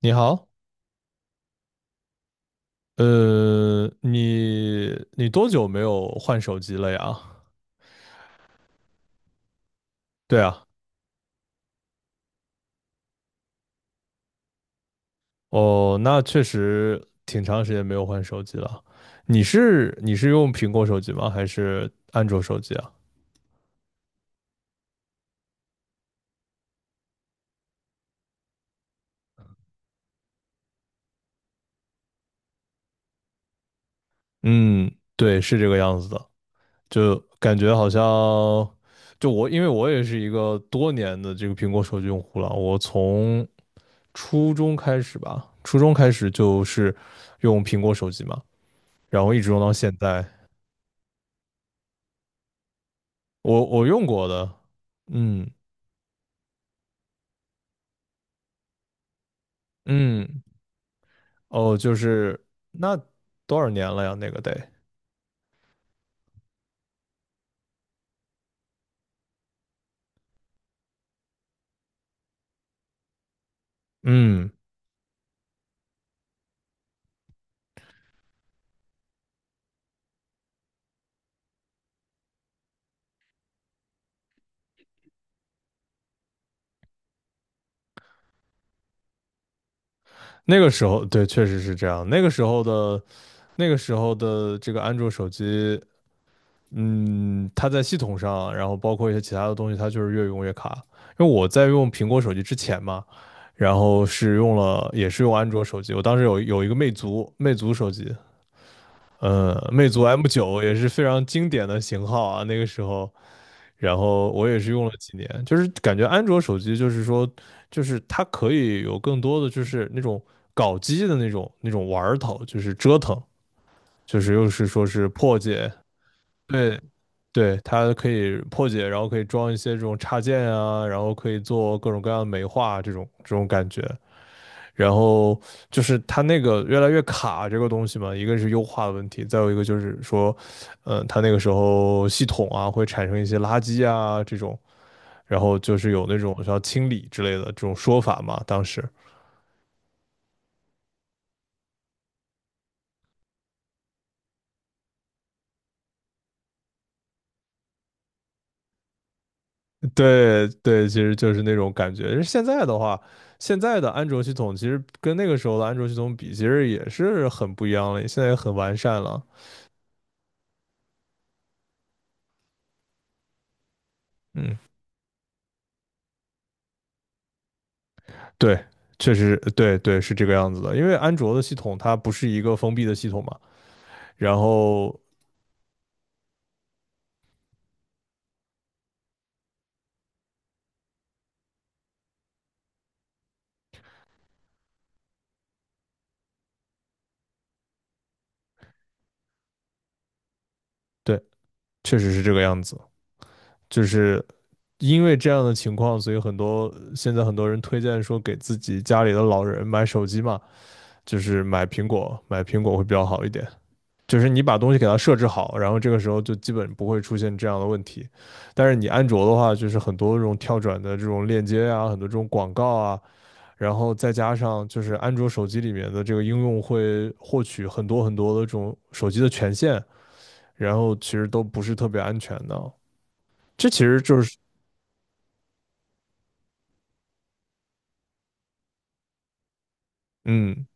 你好，你多久没有换手机了呀？对啊。哦，那确实挺长时间没有换手机了。你是用苹果手机吗？还是安卓手机啊？嗯，对，是这个样子的，就感觉好像，就我，因为我也是一个多年的这个苹果手机用户了，我从初中开始吧，初中开始就是用苹果手机嘛，然后一直用到现在。我用过的。嗯嗯。哦，就是那多少年了呀？那个得，嗯，那个时候对，确实是这样。那个时候的这个安卓手机，嗯，它在系统上，然后包括一些其他的东西，它就是越用越卡。因为我在用苹果手机之前嘛，然后是用了也是用安卓手机，我当时有一个魅族手机，魅族 M9也是非常经典的型号啊，那个时候，然后我也是用了几年，就是感觉安卓手机就是说，就是它可以有更多的就是那种搞机的那种玩儿头，就是折腾，就是又是说是破解。对对，它可以破解，然后可以装一些这种插件啊，然后可以做各种各样的美化这种感觉，然后就是它那个越来越卡这个东西嘛，一个是优化的问题，再有一个就是说，嗯，它那个时候系统啊会产生一些垃圾啊这种，然后就是有那种需要清理之类的这种说法嘛，当时。对对，其实就是那种感觉。现在的话，现在的安卓系统其实跟那个时候的安卓系统比，其实也是很不一样了，现在也很完善了。嗯，对，确实，对对是这个样子的。因为安卓的系统它不是一个封闭的系统嘛，然后对，确实是这个样子，就是因为这样的情况，所以很多现在很多人推荐说给自己家里的老人买手机嘛，就是买苹果，买苹果会比较好一点。就是你把东西给它设置好，然后这个时候就基本不会出现这样的问题。但是你安卓的话，就是很多这种跳转的这种链接啊，很多这种广告啊，然后再加上就是安卓手机里面的这个应用会获取很多很多的这种手机的权限，然后其实都不是特别安全的。这其实就是，嗯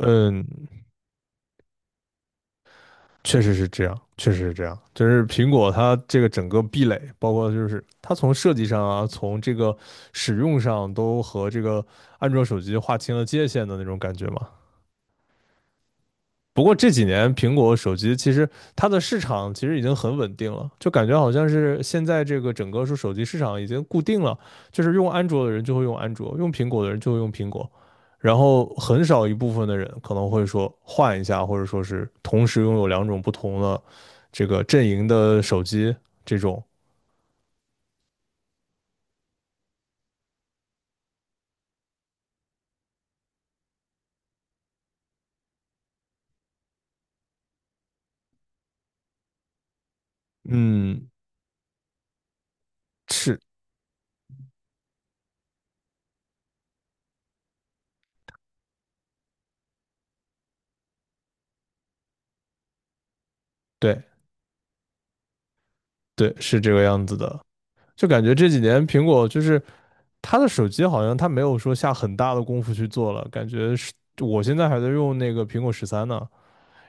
嗯，确实是这样，确实是这样。就是苹果它这个整个壁垒，包括就是它从设计上啊，从这个使用上都和这个安卓手机划清了界限的那种感觉嘛。不过这几年苹果手机其实它的市场其实已经很稳定了，就感觉好像是现在这个整个说手机市场已经固定了，就是用安卓的人就会用安卓，用苹果的人就会用苹果，然后很少一部分的人可能会说换一下，或者说是同时拥有两种不同的这个阵营的手机这种。嗯，是对对是这个样子的，就感觉这几年苹果就是它的手机好像它没有说下很大的功夫去做了，感觉是我现在还在用那个苹果13呢，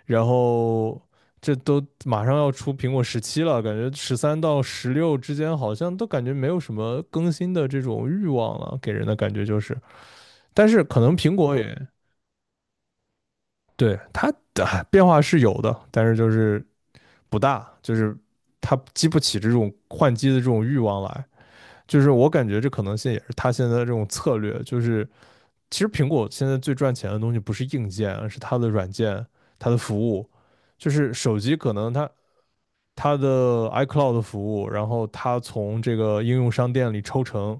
然后这都马上要出苹果17了，感觉13到16之间好像都感觉没有什么更新的这种欲望了，给人的感觉就是，但是可能苹果也对它的变化是有的，但是就是不大，就是它激不起这种换机的这种欲望来。就是我感觉这可能性也是他现在的这种策略，就是其实苹果现在最赚钱的东西不是硬件，而是它的软件、它的服务。就是手机可能它的 iCloud 服务，然后它从这个应用商店里抽成，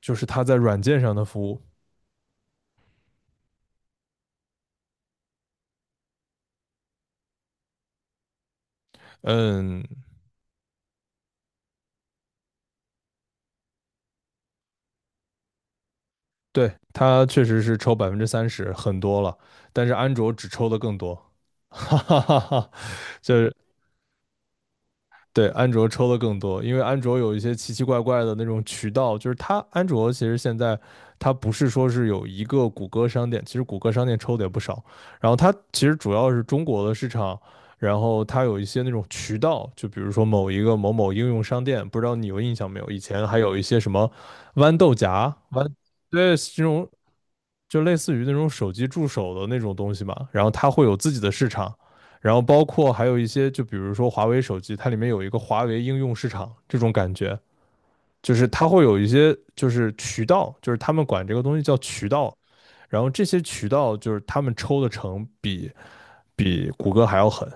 就是它在软件上的服务。嗯，对，它确实是抽30%，很多了，但是安卓只抽的更多。哈哈哈哈。就是对，安卓抽的更多，因为安卓有一些奇奇怪怪的那种渠道，就是它安卓其实现在它不是说是有一个谷歌商店，其实谷歌商店抽的也不少，然后它其实主要是中国的市场，然后它有一些那种渠道，就比如说某一个某某应用商店，不知道你有印象没有？以前还有一些什么豌豆荚、豌，对，这种就类似于那种手机助手的那种东西嘛，然后它会有自己的市场，然后包括还有一些，就比如说华为手机，它里面有一个华为应用市场这种感觉，就是它会有一些就是渠道，就是他们管这个东西叫渠道，然后这些渠道就是他们抽的成比谷歌还要狠。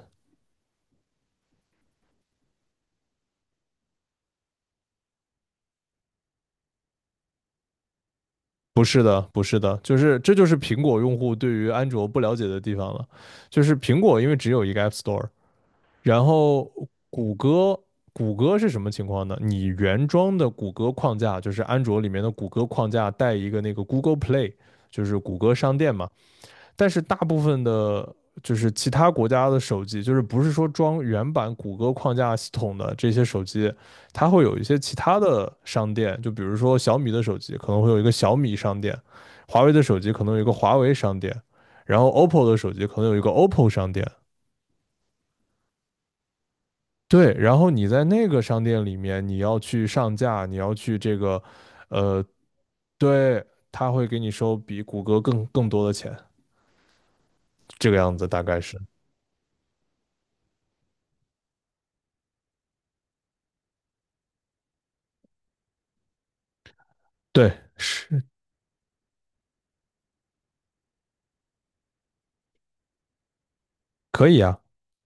不是的，不是的，就是这就是苹果用户对于安卓不了解的地方了，就是苹果因为只有一个 App Store，然后谷歌，谷歌是什么情况呢？你原装的谷歌框架就是安卓里面的谷歌框架带一个那个 Google Play，就是谷歌商店嘛。但是大部分的，就是其他国家的手机，就是不是说装原版谷歌框架系统的这些手机，它会有一些其他的商店，就比如说小米的手机可能会有一个小米商店，华为的手机可能有一个华为商店，然后 OPPO 的手机可能有一个 OPPO 商店。对，然后你在那个商店里面，你要去上架，你要去这个，呃，对，他会给你收比谷歌更多的钱，这个样子大概是，对，是可以啊，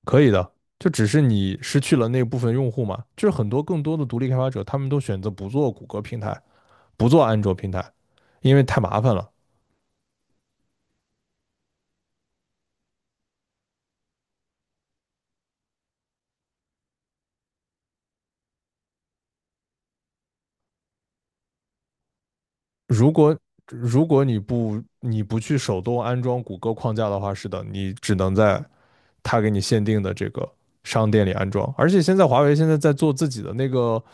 可以的，就只是你失去了那部分用户嘛，就是很多更多的独立开发者，他们都选择不做谷歌平台，不做安卓平台，因为太麻烦了。如果如果你不去手动安装谷歌框架的话，是的，你只能在它给你限定的这个商店里安装。而且现在华为现在在做自己的那个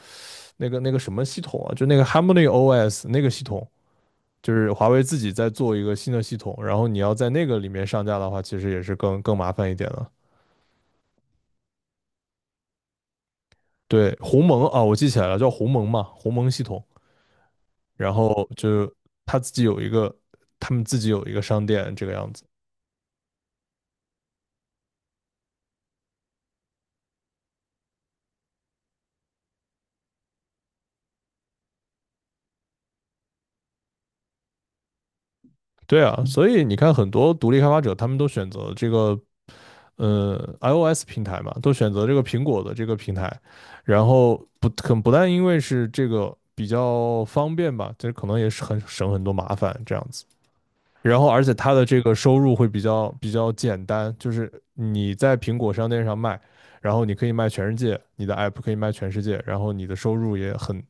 那个那个什么系统啊，就那个 Harmony OS 那个系统，就是华为自己在做一个新的系统，然后你要在那个里面上架的话，其实也是更麻烦一点的。对，鸿蒙啊，我记起来了，叫鸿蒙嘛，鸿蒙系统。然后就是他自己有一个，他们自己有一个商店这个样子。对啊，所以你看，很多独立开发者他们都选择这个iOS 平台嘛，都选择这个苹果的这个平台，然后不很不但因为是这个比较方便吧，这可能也是很省很多麻烦这样子。然后，而且它的这个收入会比较简单，就是你在苹果商店上卖，然后你可以卖全世界，你的 app 可以卖全世界，然后你的收入也很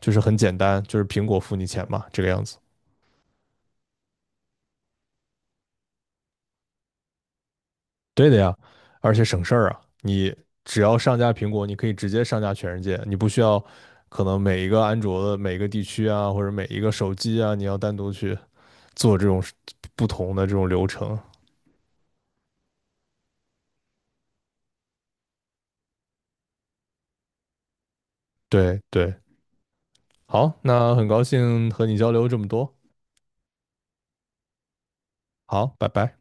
就是很简单，就是苹果付你钱嘛，这个样子。对的呀，而且省事儿啊！你只要上架苹果，你可以直接上架全世界，你不需要可能每一个安卓的每一个地区啊，或者每一个手机啊，你要单独去做这种不同的这种流程。对对，好，那很高兴和你交流这么多，好，拜拜。